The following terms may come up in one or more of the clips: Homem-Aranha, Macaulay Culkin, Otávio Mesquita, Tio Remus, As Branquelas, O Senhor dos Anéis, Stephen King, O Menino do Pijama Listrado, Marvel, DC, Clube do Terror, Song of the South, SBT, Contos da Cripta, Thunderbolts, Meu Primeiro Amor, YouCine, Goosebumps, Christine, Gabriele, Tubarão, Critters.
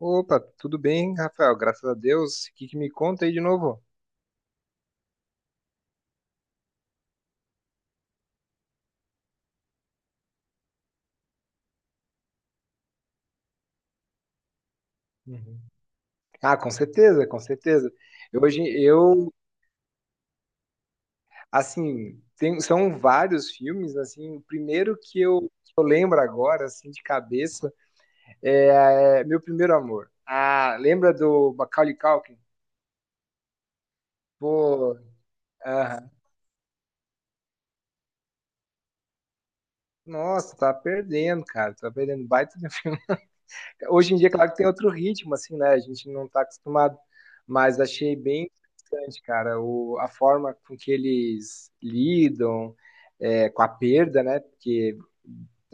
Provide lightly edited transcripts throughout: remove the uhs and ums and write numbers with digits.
Opa, tudo bem, Rafael? Graças a Deus. O que que me conta aí de novo? Uhum. Ah, com certeza, com certeza. Hoje eu, assim, tem, são vários filmes, assim, o primeiro que eu lembro agora, assim, de cabeça, é Meu Primeiro Amor. Ah, lembra do Macaulay Culkin? Pô, aham. Nossa, tá perdendo, cara, tá perdendo baita de um filme. Hoje em dia, claro que tem outro ritmo, assim, né? A gente não tá acostumado, mas achei bem interessante, cara, a forma com que eles lidam com a perda, né? Porque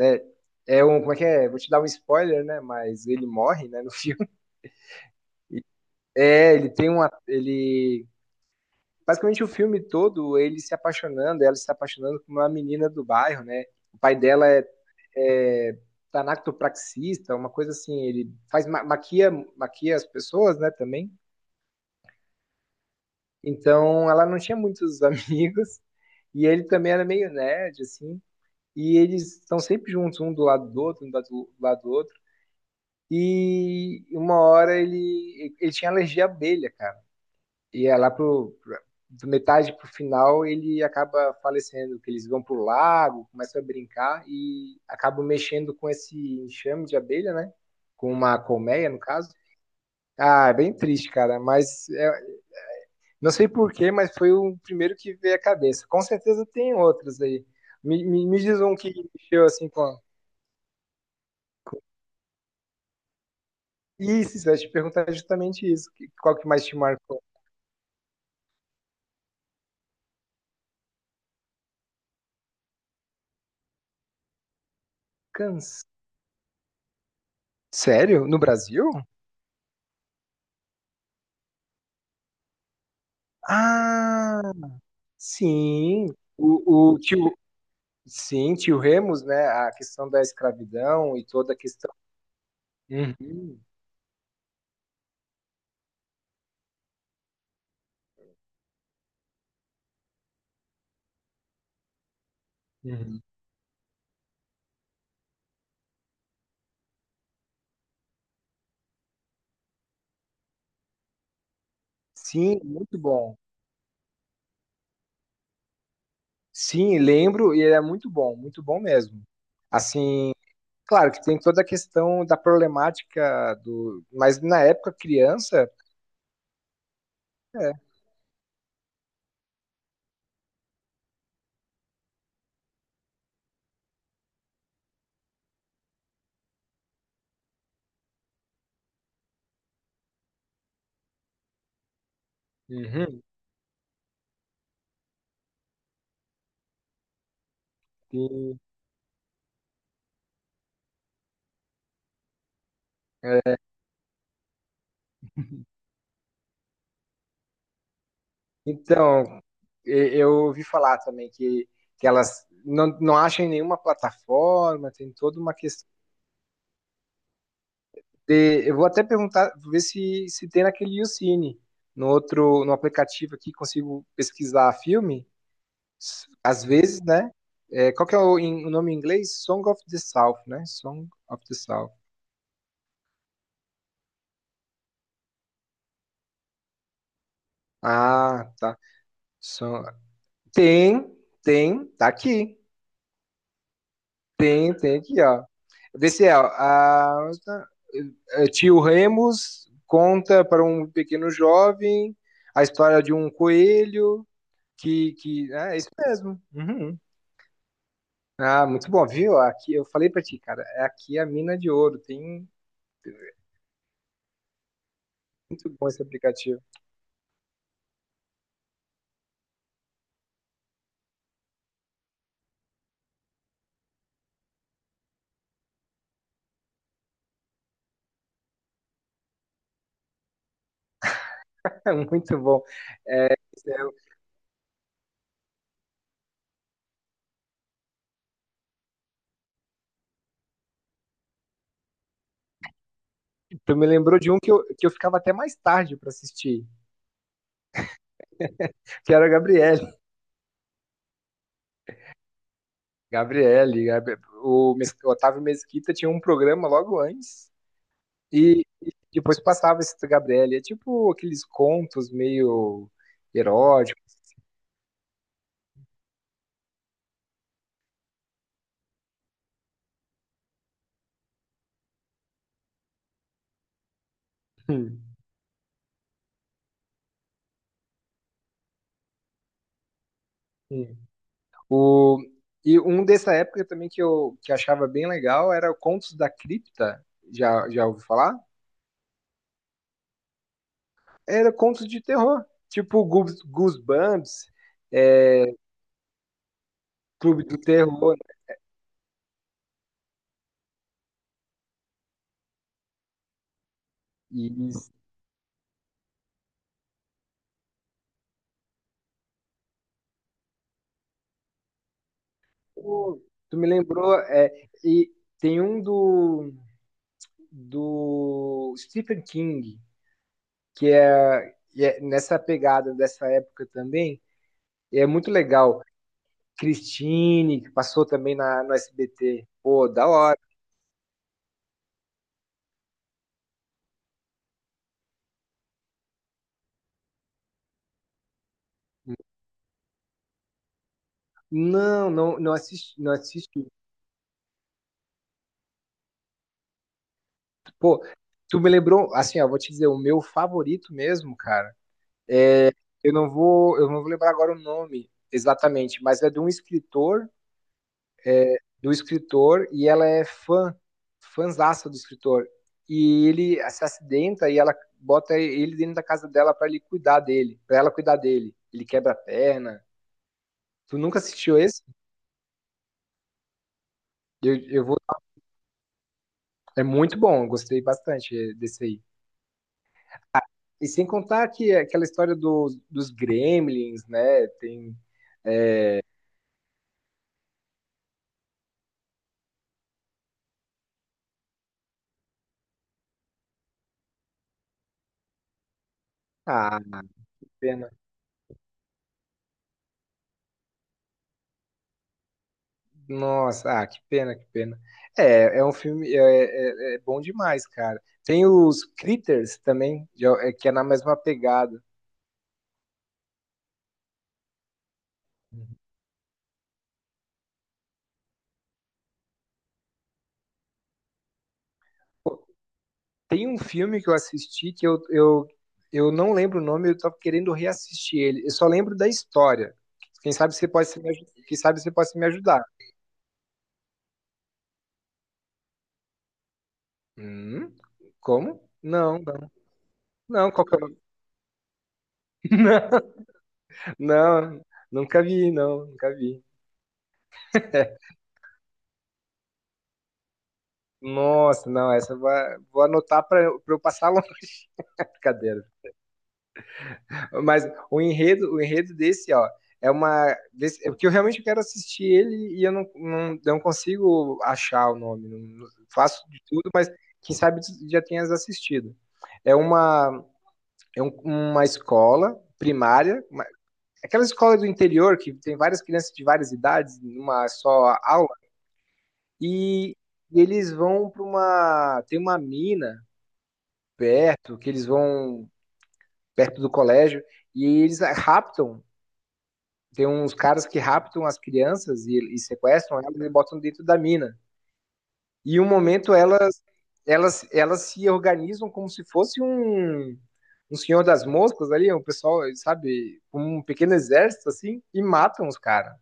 é, é um, como é que é? Vou te dar um spoiler, né? Mas ele morre, né, no filme. É, ele tem uma, ele basicamente o filme todo ele se apaixonando, ela se apaixonando por uma menina do bairro, né? O pai dela é tanactopraxista, uma coisa assim, ele faz maquia, maquia as pessoas, né, também. Então, ela não tinha muitos amigos e ele também era meio nerd, assim. E eles estão sempre juntos, um do lado do outro, um do lado do outro. E uma hora ele tinha alergia à abelha, cara. E é do metade pro final ele acaba falecendo, que eles vão pro lago, começam a brincar e acabam mexendo com esse enxame de abelha, né? Com uma colmeia, no caso. Ah, é bem triste, cara, mas é, não sei por quê, mas foi o primeiro que veio à cabeça. Com certeza tem outros aí. Me diz um que mexeu assim com. com- Isso, eu ia te perguntar justamente isso. Qual que mais te marcou? Cans. Sério? No Brasil? Ah, sim, o tio, sim, tio Remus, né? A questão da escravidão e toda a questão. Uhum, uhum. Sim, muito bom. Sim, lembro e é muito bom mesmo. Assim, claro que tem toda a questão da problemática do, mas na época criança, é. Uhum. Sim. É. Então, e- eu ouvi falar também que elas não acham em nenhuma plataforma, tem toda uma questão. Eu vou até perguntar, ver se, se tem naquele YouCine, no outro, no aplicativo aqui, consigo pesquisar filme, às vezes, né? É, qual que é o nome em inglês? Song of the South, né? Song of the South. Ah, tá. Son- Tem, tem, tá aqui. Tem, tem aqui, ó. Vê se é, ó. Ah, tá. É, Tio Remus conta para um pequeno jovem a história de um coelho. Que, é é isso mesmo. Uhum. Ah, muito bom, viu? Aqui, eu falei pra ti, cara, é aqui a mina de ouro. Tem muito bom esse aplicativo. É muito bom. É, eu- tu me lembrou de um que eu ficava até mais tarde pra assistir, que era a Gabriele. Gabriele, o Otávio Mesquita tinha um programa logo antes e depois passava esse da Gabriele. É tipo aqueles contos meio eróticos. Hum. O, e um dessa época também que eu que achava bem legal era o Contos da Cripta. Já, já ouviu falar? Era contos de terror. Tipo Goosebumps, é, Clube do Terror. E isso, pô, tu me lembrou. É, e tem um do, do Stephen King, que é, e é nessa pegada dessa época também. E é muito legal. Christine, que passou também na, no SBT. Pô, da hora. Não assisti, não assisti. Pô, tu me lembrou, assim, ó, vou te dizer, o meu favorito mesmo, cara. Eu não vou lembrar agora o nome exatamente, mas é de um escritor, do escritor, e ela é fã, fãzaça do escritor. E ele se acidenta e ela bota ele dentro da casa dela pra ele cuidar dele, pra ela cuidar dele. Ele quebra a perna. Tu nunca assistiu esse? Eu vou, é muito bom, eu gostei bastante desse aí. E sem contar que é aquela história dos, dos gremlins, né? Tem. Ah, pena. Nossa, ah, que pena, que pena. É, é um filme. É, é bom demais, cara. Tem os Critters também, é, que é na mesma pegada. Pô, tem um filme que eu assisti eu não lembro o nome, eu tava querendo reassistir ele. Eu só lembro da história. Quem sabe você pode se me, aju- quem sabe você pode me ajudar. Hum? Como? Não, não. Não, qual que é o. Não, nunca vi, não, nunca vi. Nossa, não, essa eu vou, vou anotar para eu passar longe da cadeira. Mas o enredo desse, ó, é uma. Desse, é porque eu realmente quero assistir ele e eu não consigo achar o nome. Faço de tudo, mas quem sabe tu já tenhas assistido. É uma, é uma escola primária, aquela escola do interior que tem várias crianças de várias idades numa só aula. E eles vão para uma. Tem uma mina perto, que eles vão perto do colégio, e eles raptam. Tem uns caras que raptam as crianças e sequestram elas e botam dentro da mina. E um momento elas se organizam como se fosse um, um senhor das moscas ali, um pessoal, sabe, um pequeno exército assim, e matam os caras.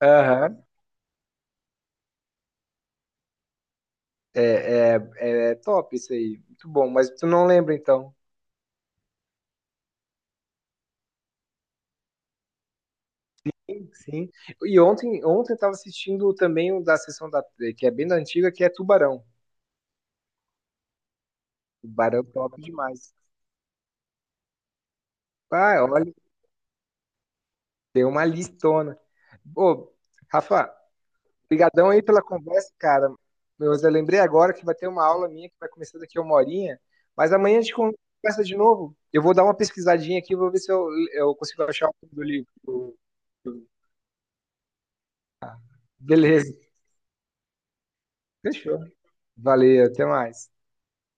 Aham. É top isso aí. Muito bom. Mas tu não lembra então. Sim, sim. E ontem eu tava assistindo também um da sessão da, que é bem da antiga, que é Tubarão. Tubarão top demais. Ah, olha, deu uma listona. Ô, Rafa, brigadão aí pela conversa, cara. Mas eu lembrei agora que vai ter uma aula minha que vai começar daqui a uma horinha, mas amanhã a gente conversa de novo. Eu vou dar uma pesquisadinha aqui, vou ver se eu, eu consigo achar o nome do livro. Beleza. Fechou. Valeu, até mais.